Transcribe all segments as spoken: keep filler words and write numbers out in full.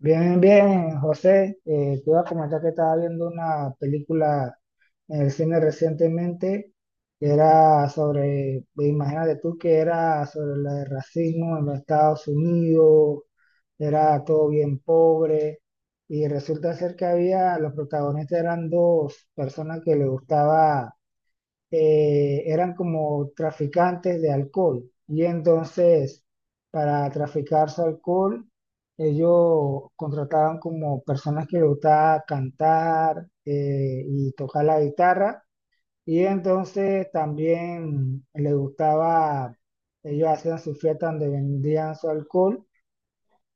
Bien, bien, José. Eh, te iba a comentar que estaba viendo una película en el cine recientemente que era sobre, imagínate tú que era sobre el racismo en los Estados Unidos, era todo bien pobre y resulta ser que había, los protagonistas eran dos personas que le gustaba eh, eran como traficantes de alcohol. Y entonces, para traficar su alcohol, ellos contrataban como personas que les gustaba cantar eh, y tocar la guitarra. Y entonces también les gustaba, ellos hacían su fiesta donde vendían su alcohol.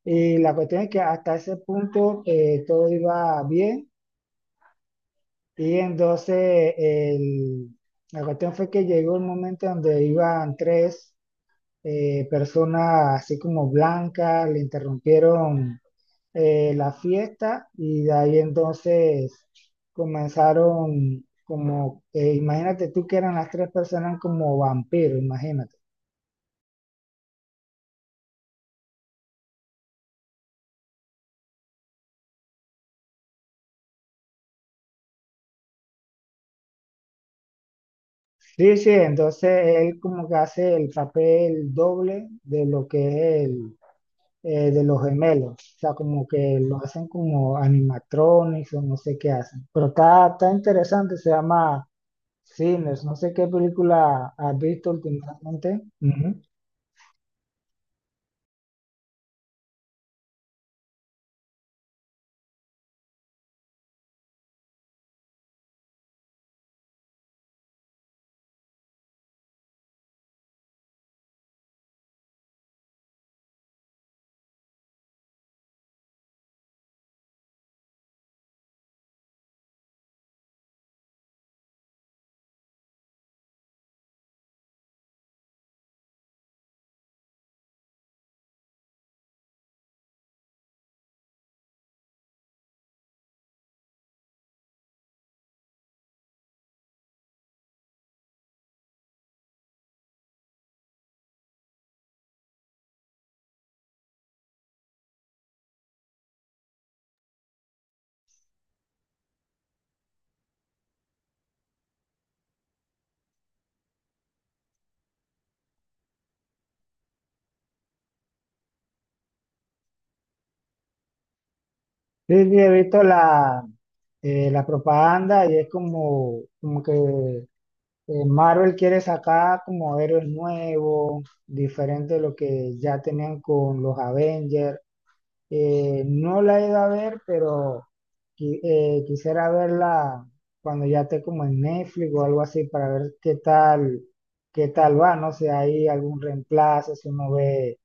Y la cuestión es que hasta ese punto eh, todo iba bien y entonces el- la cuestión fue que llegó el momento donde iban tres eh, personas así como blancas, le interrumpieron eh, la fiesta y de ahí entonces comenzaron como, eh, imagínate tú que eran las tres personas como vampiros, imagínate. Sí, sí, entonces él como que hace el papel doble de lo que es eh, de los gemelos. O sea, como que lo hacen como animatronics o no sé qué hacen. Pero está, está interesante, se llama Sinners. No sé qué película has visto últimamente. Ujú. Sí, sí, he visto la, eh, la propaganda y es como, como que eh, Marvel quiere sacar como héroes nuevos, diferente de lo que ya tenían con los Avengers. Eh, no la he ido a ver, pero qui- eh, quisiera verla cuando ya esté como en Netflix o algo así para ver qué tal, qué tal va, no sé, hay algún reemplazo, si uno ve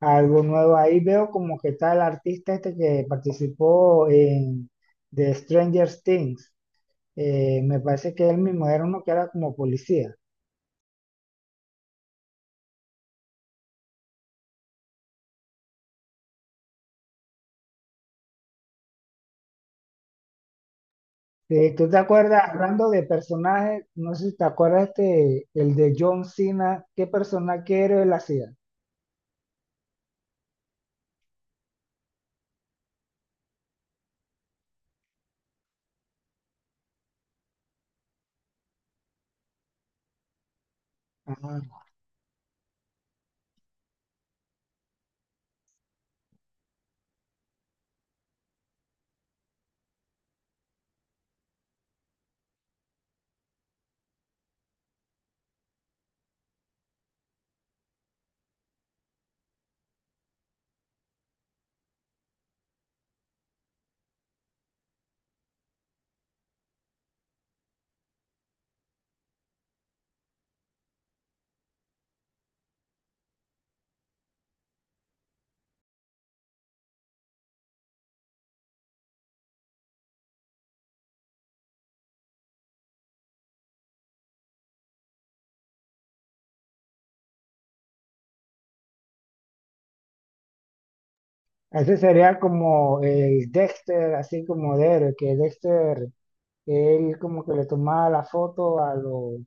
algo nuevo. Ahí veo como que está el artista este que participó en The Stranger Things. Eh, me parece que él mismo era uno que era como policía. Eh, ¿tú te acuerdas, hablando de personajes, no sé si te acuerdas este, el de John Cena, qué personaje, qué héroe él hacía? Ah, ese sería como el Dexter, así como Derek, que Dexter, él como que le tomaba la foto a los,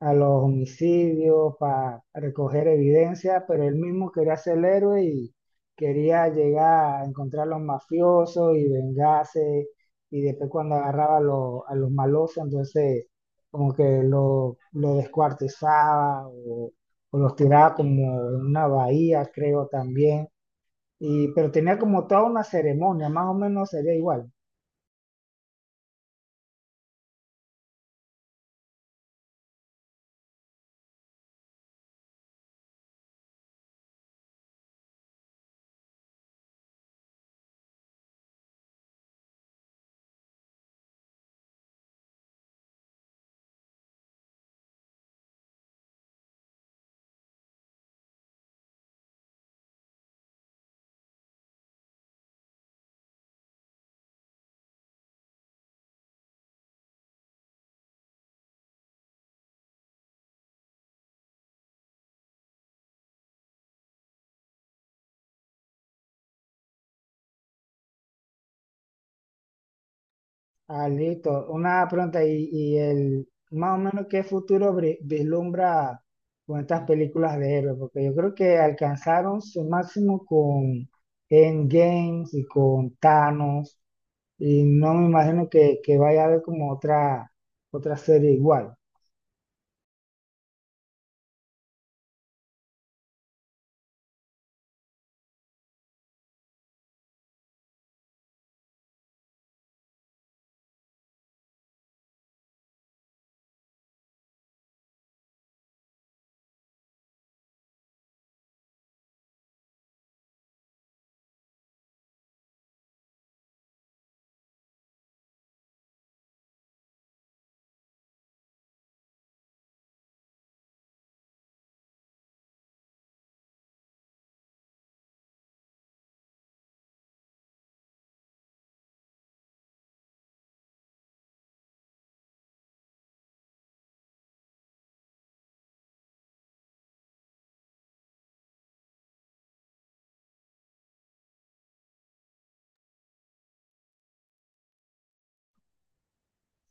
a los homicidios para recoger evidencia, pero él mismo quería ser el héroe y quería llegar a encontrar a los mafiosos y vengarse, y después cuando agarraba a los, a los malosos, entonces como que lo, lo descuartizaba o, o los tiraba como en una bahía, creo también. Y, pero tenía como toda una ceremonia, más o menos sería igual. Ah, listo. Una pregunta, y, y el, más o menos qué futuro bri- vislumbra con estas películas de héroes, porque yo creo que alcanzaron su máximo con Endgames y con Thanos, y no me imagino que, que vaya a haber como otra, otra serie igual.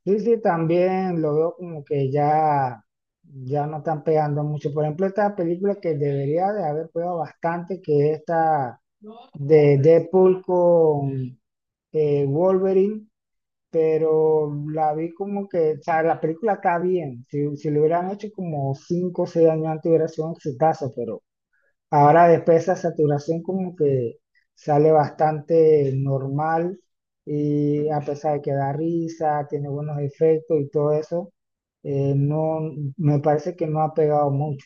Sí, sí, también lo veo como que ya, ya no están pegando mucho. Por ejemplo, esta película que debería de haber pegado bastante, que es esta de Deadpool con eh, Wolverine, pero la vi como que, o sea, la película está bien. Si, si lo hubieran hecho como cinco, o seis años antes hubiera sido un exitazo, pero ahora después esa saturación como que sale bastante normal y a pesar de que da risa, tiene buenos efectos y todo eso, eh, no, me parece que no ha pegado mucho.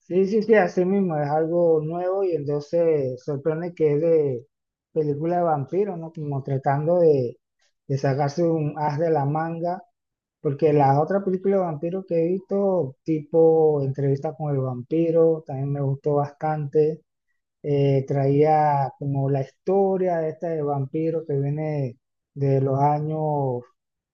Sí, sí, sí, así mismo, es algo nuevo y entonces sorprende que es de película de vampiros, ¿no? Como tratando de, de sacarse un as de la manga, porque las otras películas de vampiros que he visto, tipo Entrevista con el vampiro, también me gustó bastante. Eh, traía como la historia de este vampiro que viene de los años,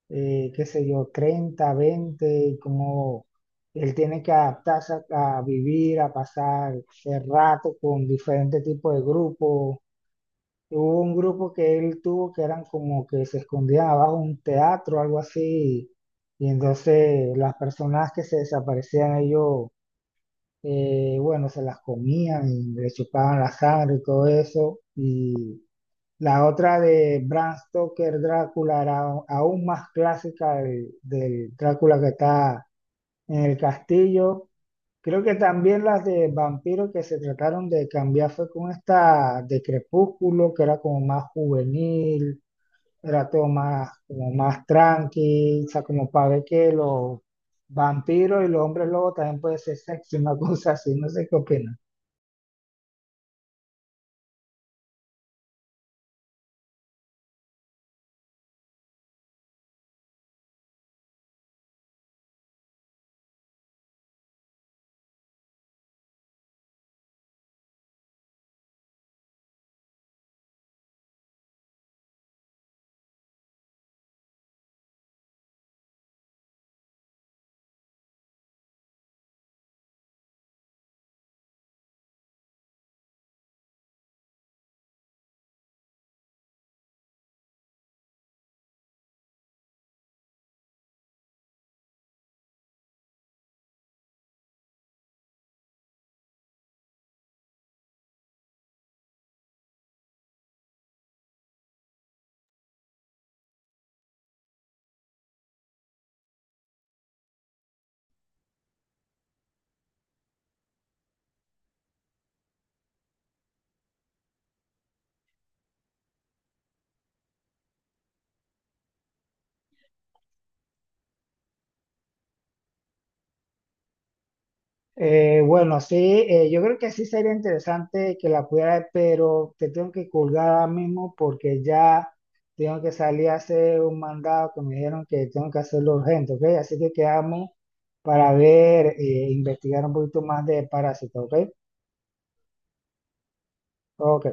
eh, qué sé yo, treinta veinte y cómo él tiene que adaptarse a, a vivir, a pasar el rato con diferentes tipos de grupos. Hubo un grupo que él tuvo que eran como que se escondían abajo de un teatro, algo así, y entonces las personas que se desaparecían ellos eh, bueno, se las comían y le chupaban la sangre y todo eso. Y la otra de Bram Stoker, Drácula, era au- aún más clásica del, del Drácula que está en el castillo. Creo que también las de vampiros que se trataron de cambiar fue con esta de Crepúsculo, que era como más juvenil, era todo más, como más tranqui, o sea, como para ver que los vampiros y los hombres lobos también puede ser sexy, una cosa así, no sé qué opinas. Eh, bueno, sí, eh, yo creo que sí sería interesante que la pudiera ver, pero te tengo que colgar ahora mismo porque ya tengo que salir a hacer un mandado que me dijeron que tengo que hacerlo urgente, ¿ok? Así que quedamos para ver, eh, investigar un poquito más de parásitos, ¿ok? Ok.